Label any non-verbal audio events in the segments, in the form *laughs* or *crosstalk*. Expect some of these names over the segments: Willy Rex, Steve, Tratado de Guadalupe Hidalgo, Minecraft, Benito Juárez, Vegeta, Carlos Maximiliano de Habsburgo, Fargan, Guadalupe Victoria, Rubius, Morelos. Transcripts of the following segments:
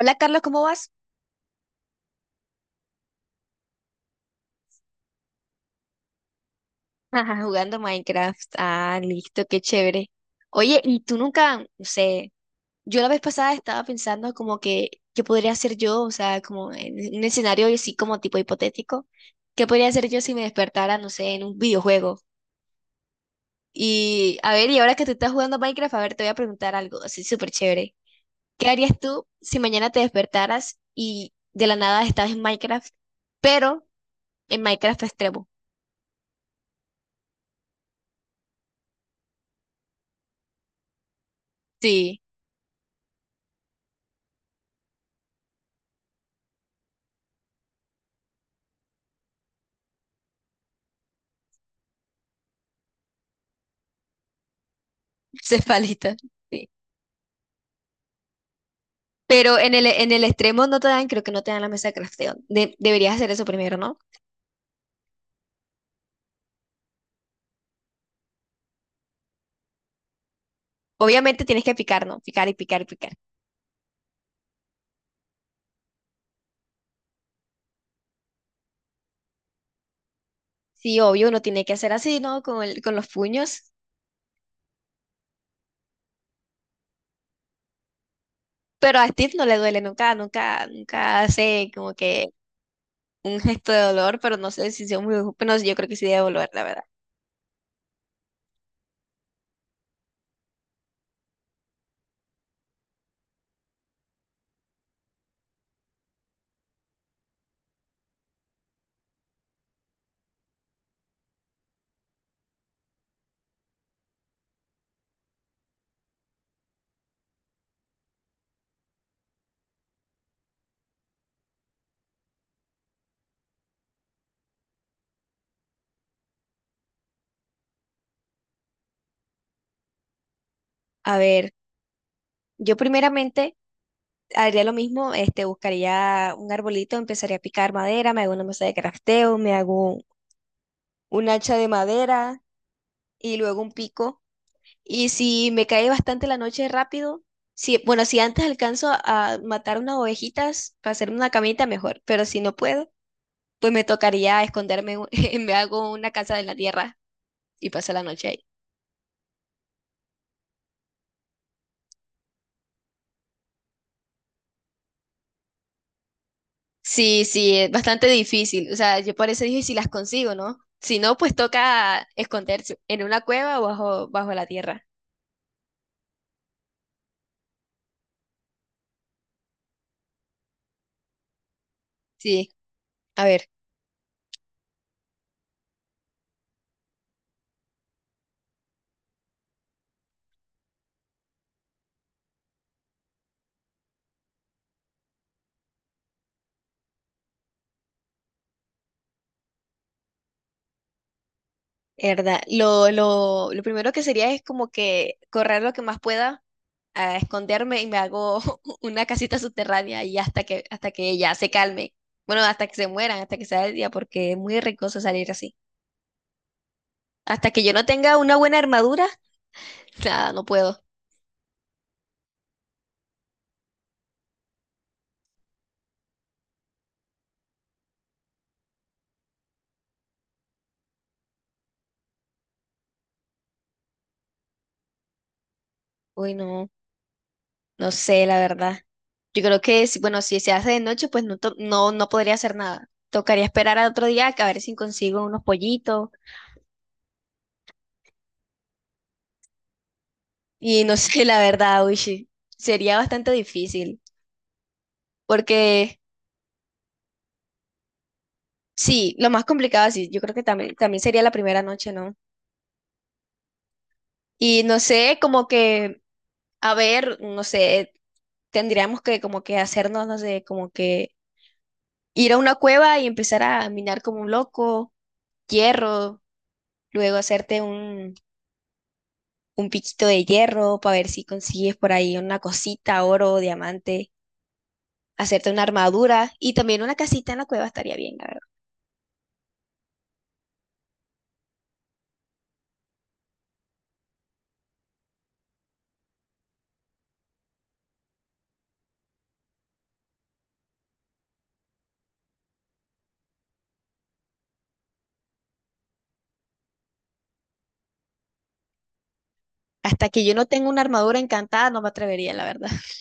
Hola Carlos, ¿cómo vas? Ajá, jugando Minecraft. Ah, listo, qué chévere. Oye, ¿y tú nunca, no sé, yo la vez pasada estaba pensando como que, ¿qué podría hacer yo? O sea, como en un escenario así como tipo hipotético, ¿qué podría hacer yo si me despertara, no sé, en un videojuego? Y a ver, y ahora que tú estás jugando Minecraft, a ver, te voy a preguntar algo así súper chévere. ¿Qué harías tú si mañana te despertaras y de la nada estás en Minecraft, pero en Minecraft extremo? Sí, *laughs* cefalita. Sí. Pero en en el extremo no te dan, creo que no te dan la mesa de crafteo. Deberías hacer eso primero, ¿no? Obviamente tienes que picar, ¿no? Picar y picar y picar. Sí, obvio, uno tiene que hacer así, ¿no? Con los puños. Pero a Steve no le duele nunca, nunca, nunca hace como que un gesto de dolor, pero no sé si sea muy, pero yo creo que sí debe volver, la verdad. A ver, yo primeramente haría lo mismo, este, buscaría un arbolito, empezaría a picar madera, me hago una mesa de crafteo, me hago un hacha de madera y luego un pico. Y si me cae bastante la noche rápido, si, bueno, si antes alcanzo a matar unas ovejitas para hacerme una camita, mejor. Pero si no puedo, pues me tocaría esconderme, en *laughs* me hago una casa en la tierra y paso la noche ahí. Sí, sí, es bastante difícil. O sea, yo por eso dije si las consigo, ¿no? Si no, pues toca esconderse en una cueva o bajo la tierra. Sí, a ver, es verdad. Lo primero que sería es como que correr lo que más pueda a esconderme y me hago *laughs* una casita subterránea y hasta que ella se calme. Bueno, hasta que se mueran, hasta que sea el día, porque es muy riesgoso salir así. Hasta que yo no tenga una buena armadura, *laughs* nada, no puedo. Uy, no, no sé, la verdad. Yo creo que, si- bueno, si se hace de noche, pues no, no, no podría hacer nada. Tocaría esperar a otro día a ver si consigo unos pollitos. Y no *laughs* sé, la verdad, uy, sí, sería bastante difícil. Porque sí, lo más complicado, sí, yo creo que también, también sería la primera noche, ¿no? Y no sé, como que, a ver, no sé, tendríamos que como que hacernos, no sé, como que ir a una cueva y empezar a minar como un loco, hierro, luego un piquito de hierro para ver si consigues por ahí una cosita, oro, diamante, hacerte una armadura y también una casita en la cueva estaría bien, la verdad. Hasta que yo no tenga una armadura encantada, no me atrevería, la verdad. *laughs*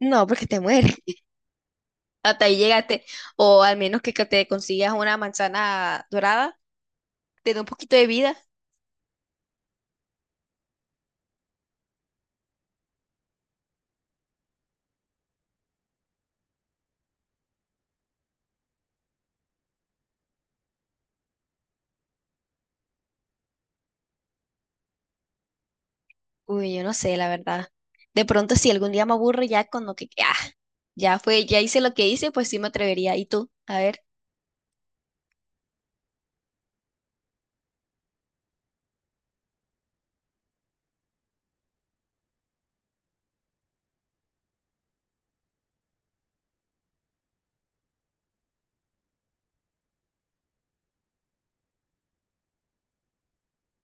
No, porque te mueres. Hasta ahí llegaste. O al menos que te consigas una manzana dorada te dé un poquito de vida. Uy, yo no sé, la verdad. De pronto, si algún día me aburro ya con lo que, ah, ya fue, ya hice lo que hice, pues sí me atrevería. ¿Y tú? A ver,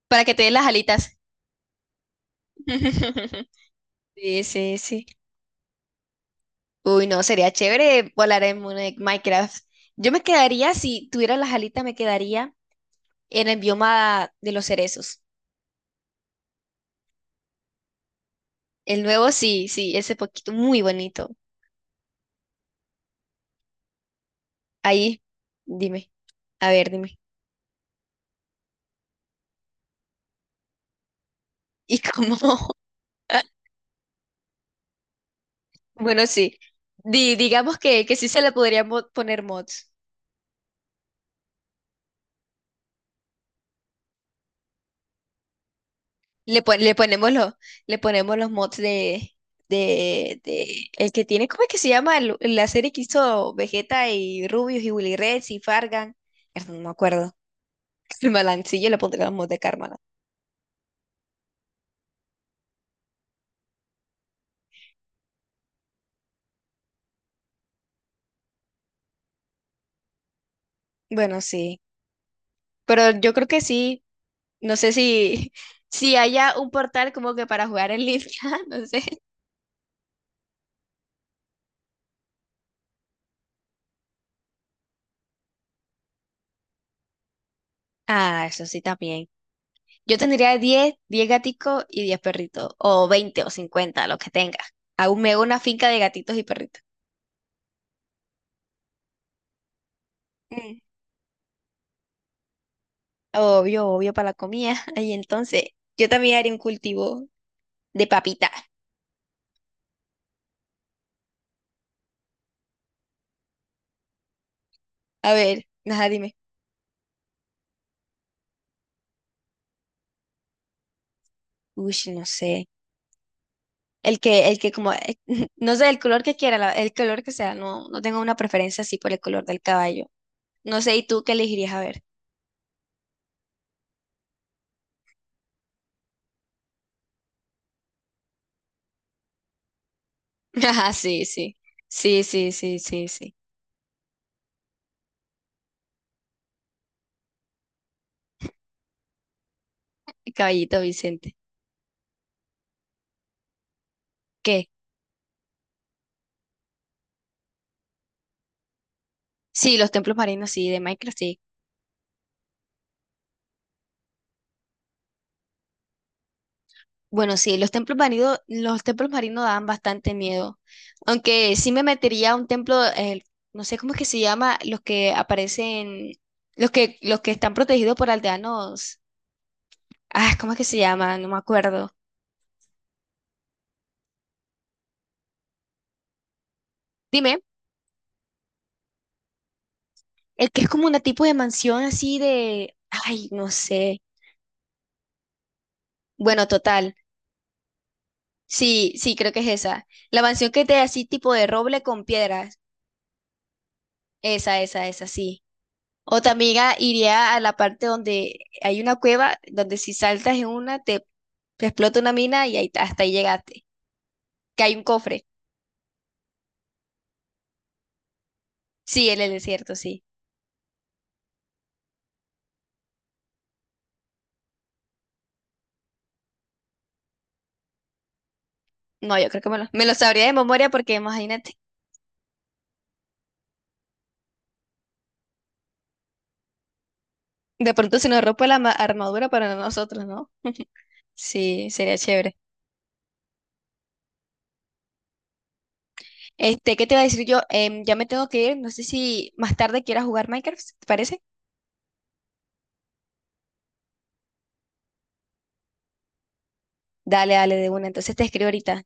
para que te den las alitas. *laughs* Sí, sí, sí. Uy, no, sería chévere volar en en Minecraft. Yo me quedaría, si tuviera las alitas, me quedaría en el bioma de los cerezos. El nuevo, sí, sí, ese poquito, muy bonito. Ahí, dime. A ver, dime. ¿Y cómo? *laughs* Bueno, sí. Digamos que, sí se le podría poner mods. Le, le ponemos le ponemos los mods de, de el que tiene, ¿cómo es que se llama? La serie que hizo Vegeta y Rubius y Willy Rex y Fargan. Mierda, no me acuerdo. *laughs* El malancillo le pondría los mods de karma. Bueno, sí. Pero yo creo que sí. No sé si, *laughs* si haya un portal como que para jugar en línea, *laughs* no sé. Ah, eso sí también. Yo tendría diez gaticos y 10 perritos, o 20 o 50 lo que tenga. Aún me hago una finca de gatitos y perritos. Mm. Obvio, obvio para la comida. *laughs* ahí entonces, yo también haría un cultivo de papita. A ver, nada, dime. Uy, no sé. El que como, *laughs* no sé, el color que quiera, el color que sea, no, no tengo una preferencia así por el color del caballo. No sé, ¿y tú qué elegirías? A ver. *laughs* Ajá, sí, sí. Sí, sí, sí, sí, sí. El caballito Vicente. ¿Qué? Sí, los templos marinos, sí, de Minecraft, sí. Bueno, sí, los templos marinos dan bastante miedo. Aunque sí me metería a un templo, no sé cómo es que se llama, los que aparecen, los que están protegidos por aldeanos. Ah, ¿cómo es que se llama? No me acuerdo. Dime, el que es como una tipo de mansión así de, ay, no sé. Bueno, total. Sí, sí, creo que es esa. La mansión que te así tipo de roble con piedras. Esa, sí. Otra amiga iría a la parte donde hay una cueva, donde si saltas en una, te explota una mina y ahí, hasta ahí llegaste. Que hay un cofre. Sí, en el desierto, sí. No, yo creo que me lo sabría de memoria porque imagínate. De pronto se nos rompe la armadura para nosotros, ¿no? *laughs* Sí, sería chévere. Este, ¿qué te iba a decir yo? Em, ya me tengo que ir. No sé si más tarde quieras jugar Minecraft, ¿te parece? Dale, dale, de una. Entonces te escribo ahorita.